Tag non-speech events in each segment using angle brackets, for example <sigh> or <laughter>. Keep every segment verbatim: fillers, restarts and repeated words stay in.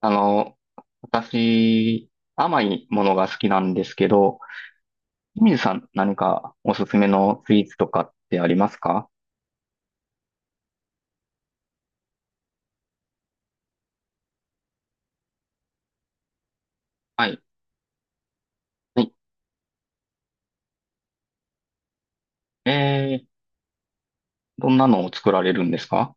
あの、私、甘いものが好きなんですけど、清水さん何かおすすめのスイーツとかってありますか？はい。はい。えー、どんなのを作られるんですか？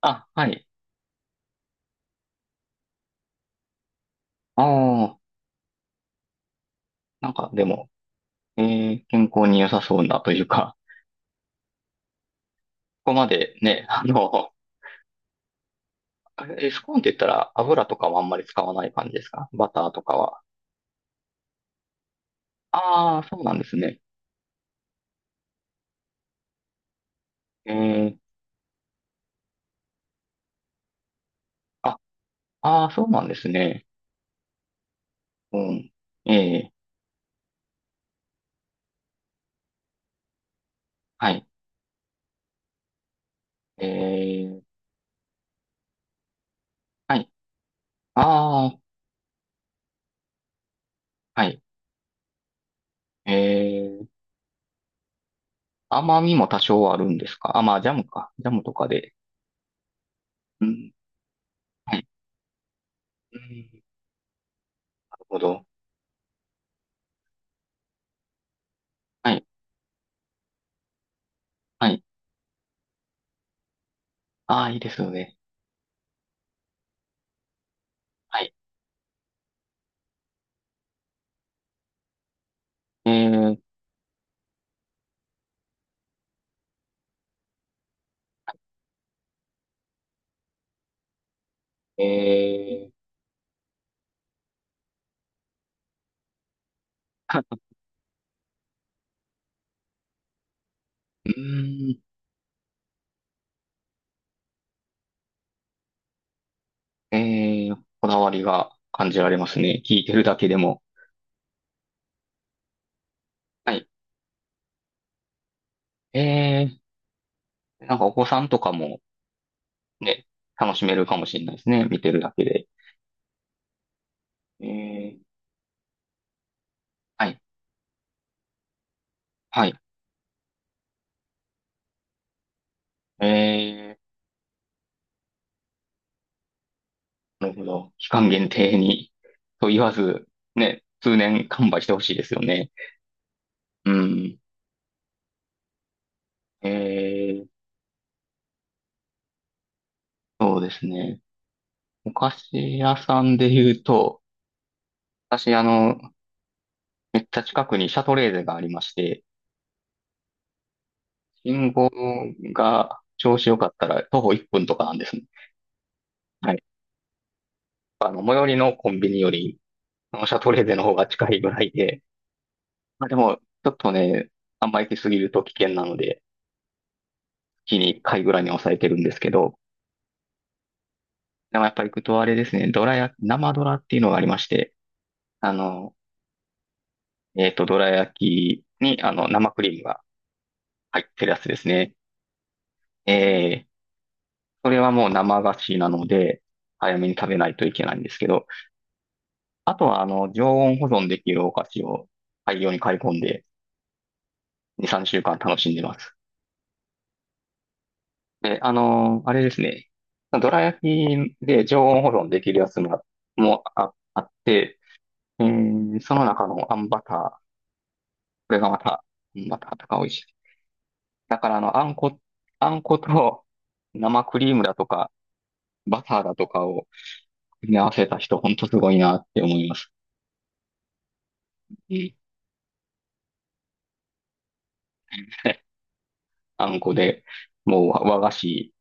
あ、はい。ああ、なんかでも、えー、健康に良さそうなというか、ここまでね、あの、え、スコーンって言ったら油とかはあんまり使わない感じですか？バターとかは。ああ、そうなんですね。えー、あ、ああ、そうなんですね。うん。ええ、はい。えー、はい。ああ、はい。えー、甘みも多少あるんですか？あ、まあ、ジャムか。ジャムとかで。うん。はい。うん。なるほど。はい。はい。ああ、いいですよね。はい。えー、えー、<laughs> うーん。えー、こだわりが感じられますね。聞いてるだけでも。はい。えー、なんかお子さんとかもね、楽しめるかもしれないですね。見てるだけで。えー、はい。はい。えーなるほど。期間限定に、と言わず、ね、通年完売してほしいですよね。うん。えー、そうですね。お菓子屋さんで言うと、私、あの、めっちゃ近くにシャトレーゼがありまして、信号が調子良かったら徒歩いっぷんとかなんですね。はい。あの、最寄りのコンビニより、あのシャトレーゼの方が近いぐらいで、まあでも、ちょっとね、あんま行きすぎると危険なので、月にいっかいぐらいに抑えてるんですけど、でもやっぱり行くとあれですね、ドラや生ドラっていうのがありまして、あの、えっと、ドラ焼きに、あの、生クリームが入ってるやつですね。えー、それはもう生菓子なので、早めに食べないといけないんですけど、あとは、あの、常温保存できるお菓子を大量に買い込んで、に、さんしゅうかん楽しんでます。で、あの、あれですね、ドラ焼きで常温保存できるやつも、もあ、あって、えーその中のあんバター、これがまた、あんバターとか美味しい。だからあの、あんこ、あんこと生クリームだとか、バターだとかを組み合わせた人、ほんとすごいなって思います。うん。 <laughs> あんこで、もう和和菓子、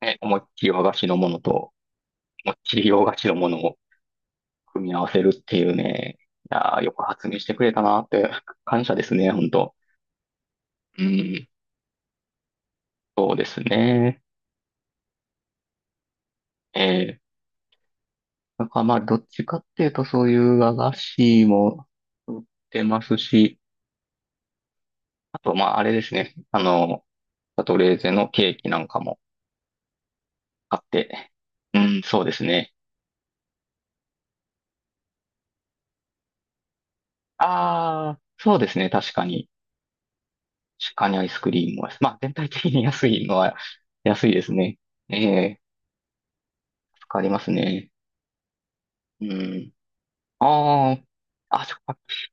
ね、思いっきり和菓子のものと、もっちり洋菓子のものを組み合わせるっていうね、いやーよく発明してくれたなって、感謝ですね、ほんと。うん、そうですね。ええ、なんかまあ、どっちかっていうと、そういう和菓子も売ってますし、あとまあ、あれですね。あの、シャトレーゼのケーキなんかもあって。うん、そうですね。ああ、そうですね。確かに。確かにアイスクリームは。まあ、全体的に安いのは安いですね。ええ、助かりますね。うん。ああ、あ、チョコバッキー、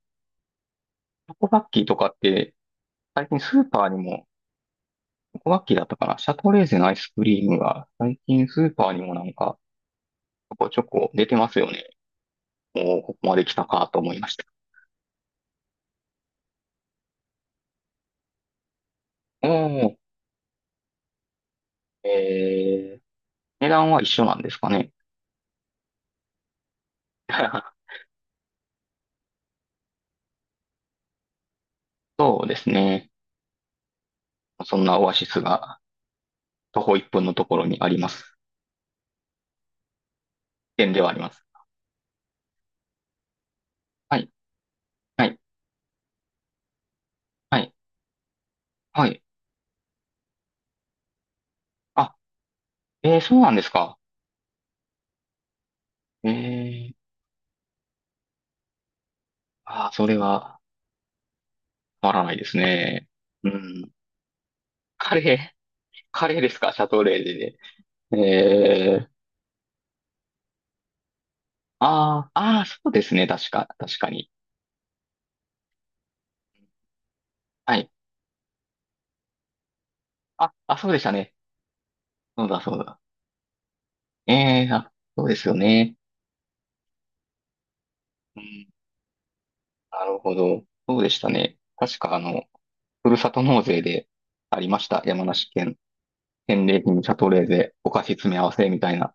チョコバッキーとかって、最近スーパーにも、チョコバッキーだったかな。シャトレーゼのアイスクリームが、最近スーパーにもなんか、ちょこちょこ出てますよね。おお、ここまで来たかと思いました。おお、ええ、値段は一緒なんですかね。<laughs> そうですね。そんなオアシスが徒歩いっぷんのところにあります。点ではあります。はい、はい、はい、はい。あ、えー、そうなんですか？えー、あー、それは、わわらないですね。うん。カレー、カレーですか？シャトレーゼで。えー、あー、あー、そうですね。確か、確かに。はい。あ、あ、そうでしたね。そうだ、そうだ。えー、あ、そうですよね。うん、なるほど。そうでしたね。確か、あの、ふるさと納税でありました。山梨県返礼品シャトレーゼお菓子詰め合わせみたいな。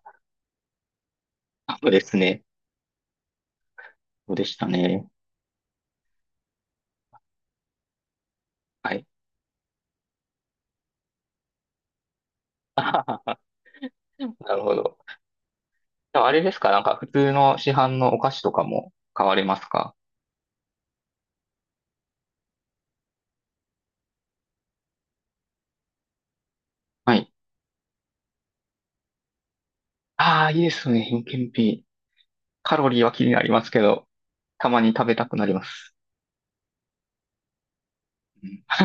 あ、そうですね。そうでしたね。はい。<laughs> なるほど。でもあれですか？なんか普通の市販のお菓子とかも買われますか？はい。ああ、いいですね。品検品。カロリーは気になりますけど、たまに食べたくなります。うん。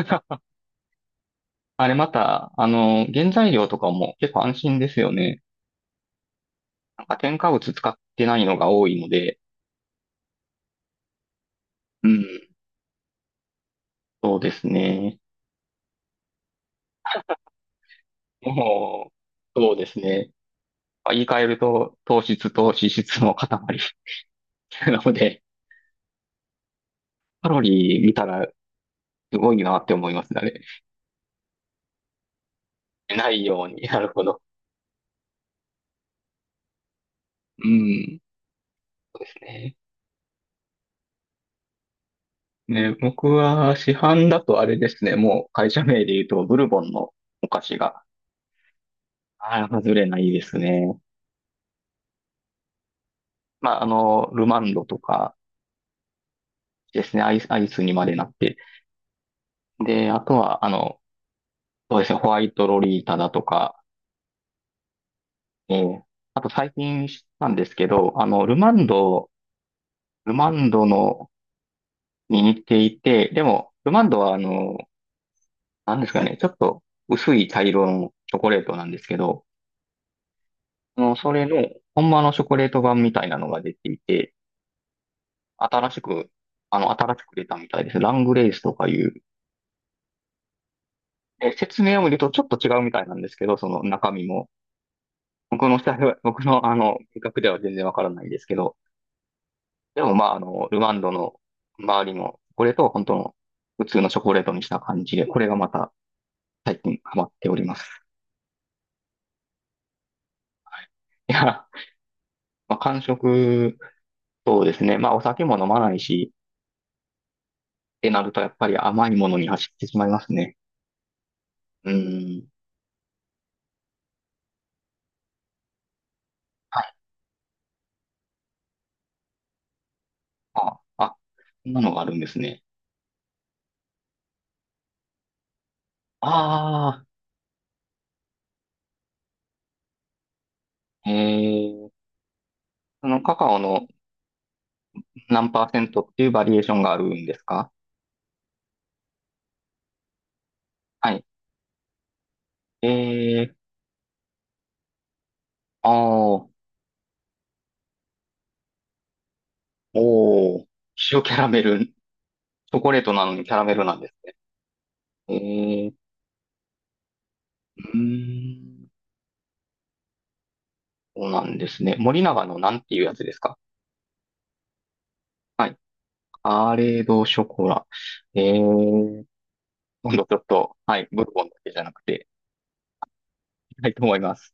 あれまた、あの、原材料とかも結構安心ですよね。なんか添加物使ってないのが多いので、うん、そうですね。もう、そうですね。言い換えると、糖質と脂質の塊 <laughs> なので、カロリー見たらすごいなって思いますね、あれ。ないように。<laughs> なるほど。うん。そうですね。ね、僕は市販だとあれですね。もう会社名で言うと、ブルボンのお菓子が、ああ、外れないですね。まあ、あの、ルマンドとかですね。アイス、アイスにまでなって。で、あとは、あの、そうですね。ホワイトロリータだとか、ええ、あと最近知ったんですけど、あの、ルマンド、ルマンドの、に似ていて、でも、ルマンドはあの、なんですかね、ちょっと薄い茶色のチョコレートなんですけど、あの、それの、ほんまのチョコレート版みたいなのが出ていて、新しく、あの、新しく出たみたいです。ラングレースとかいう。で、説明を見るとちょっと違うみたいなんですけど、その中身も。僕の下では、僕のあの、味覚では全然わからないですけど、でもまあ、あの、ルワンドの周りのチョコレートを本当の普通のチョコレートにした感じで、これがまた最近ハマっております。いや、まあ、間食、そうですね。まあ、お酒も飲まないし、ってなるとやっぱり甘いものに走ってしまいますね。うん。はい。あ、あ、こんなのがあるんですね。ああ、えー、そのカカオの何パーセントっていうバリエーションがあるんですか？はい。えー、ああ、おー、塩キャラメル。チョコレートなのにキャラメルなんですね。えー、うーん。そうなんですね。森永のなんていうやつですか？はい。アーレードショコラ。えー、今度ちょっと、はい、ブルボンだけじゃなくて、いきたいと思います。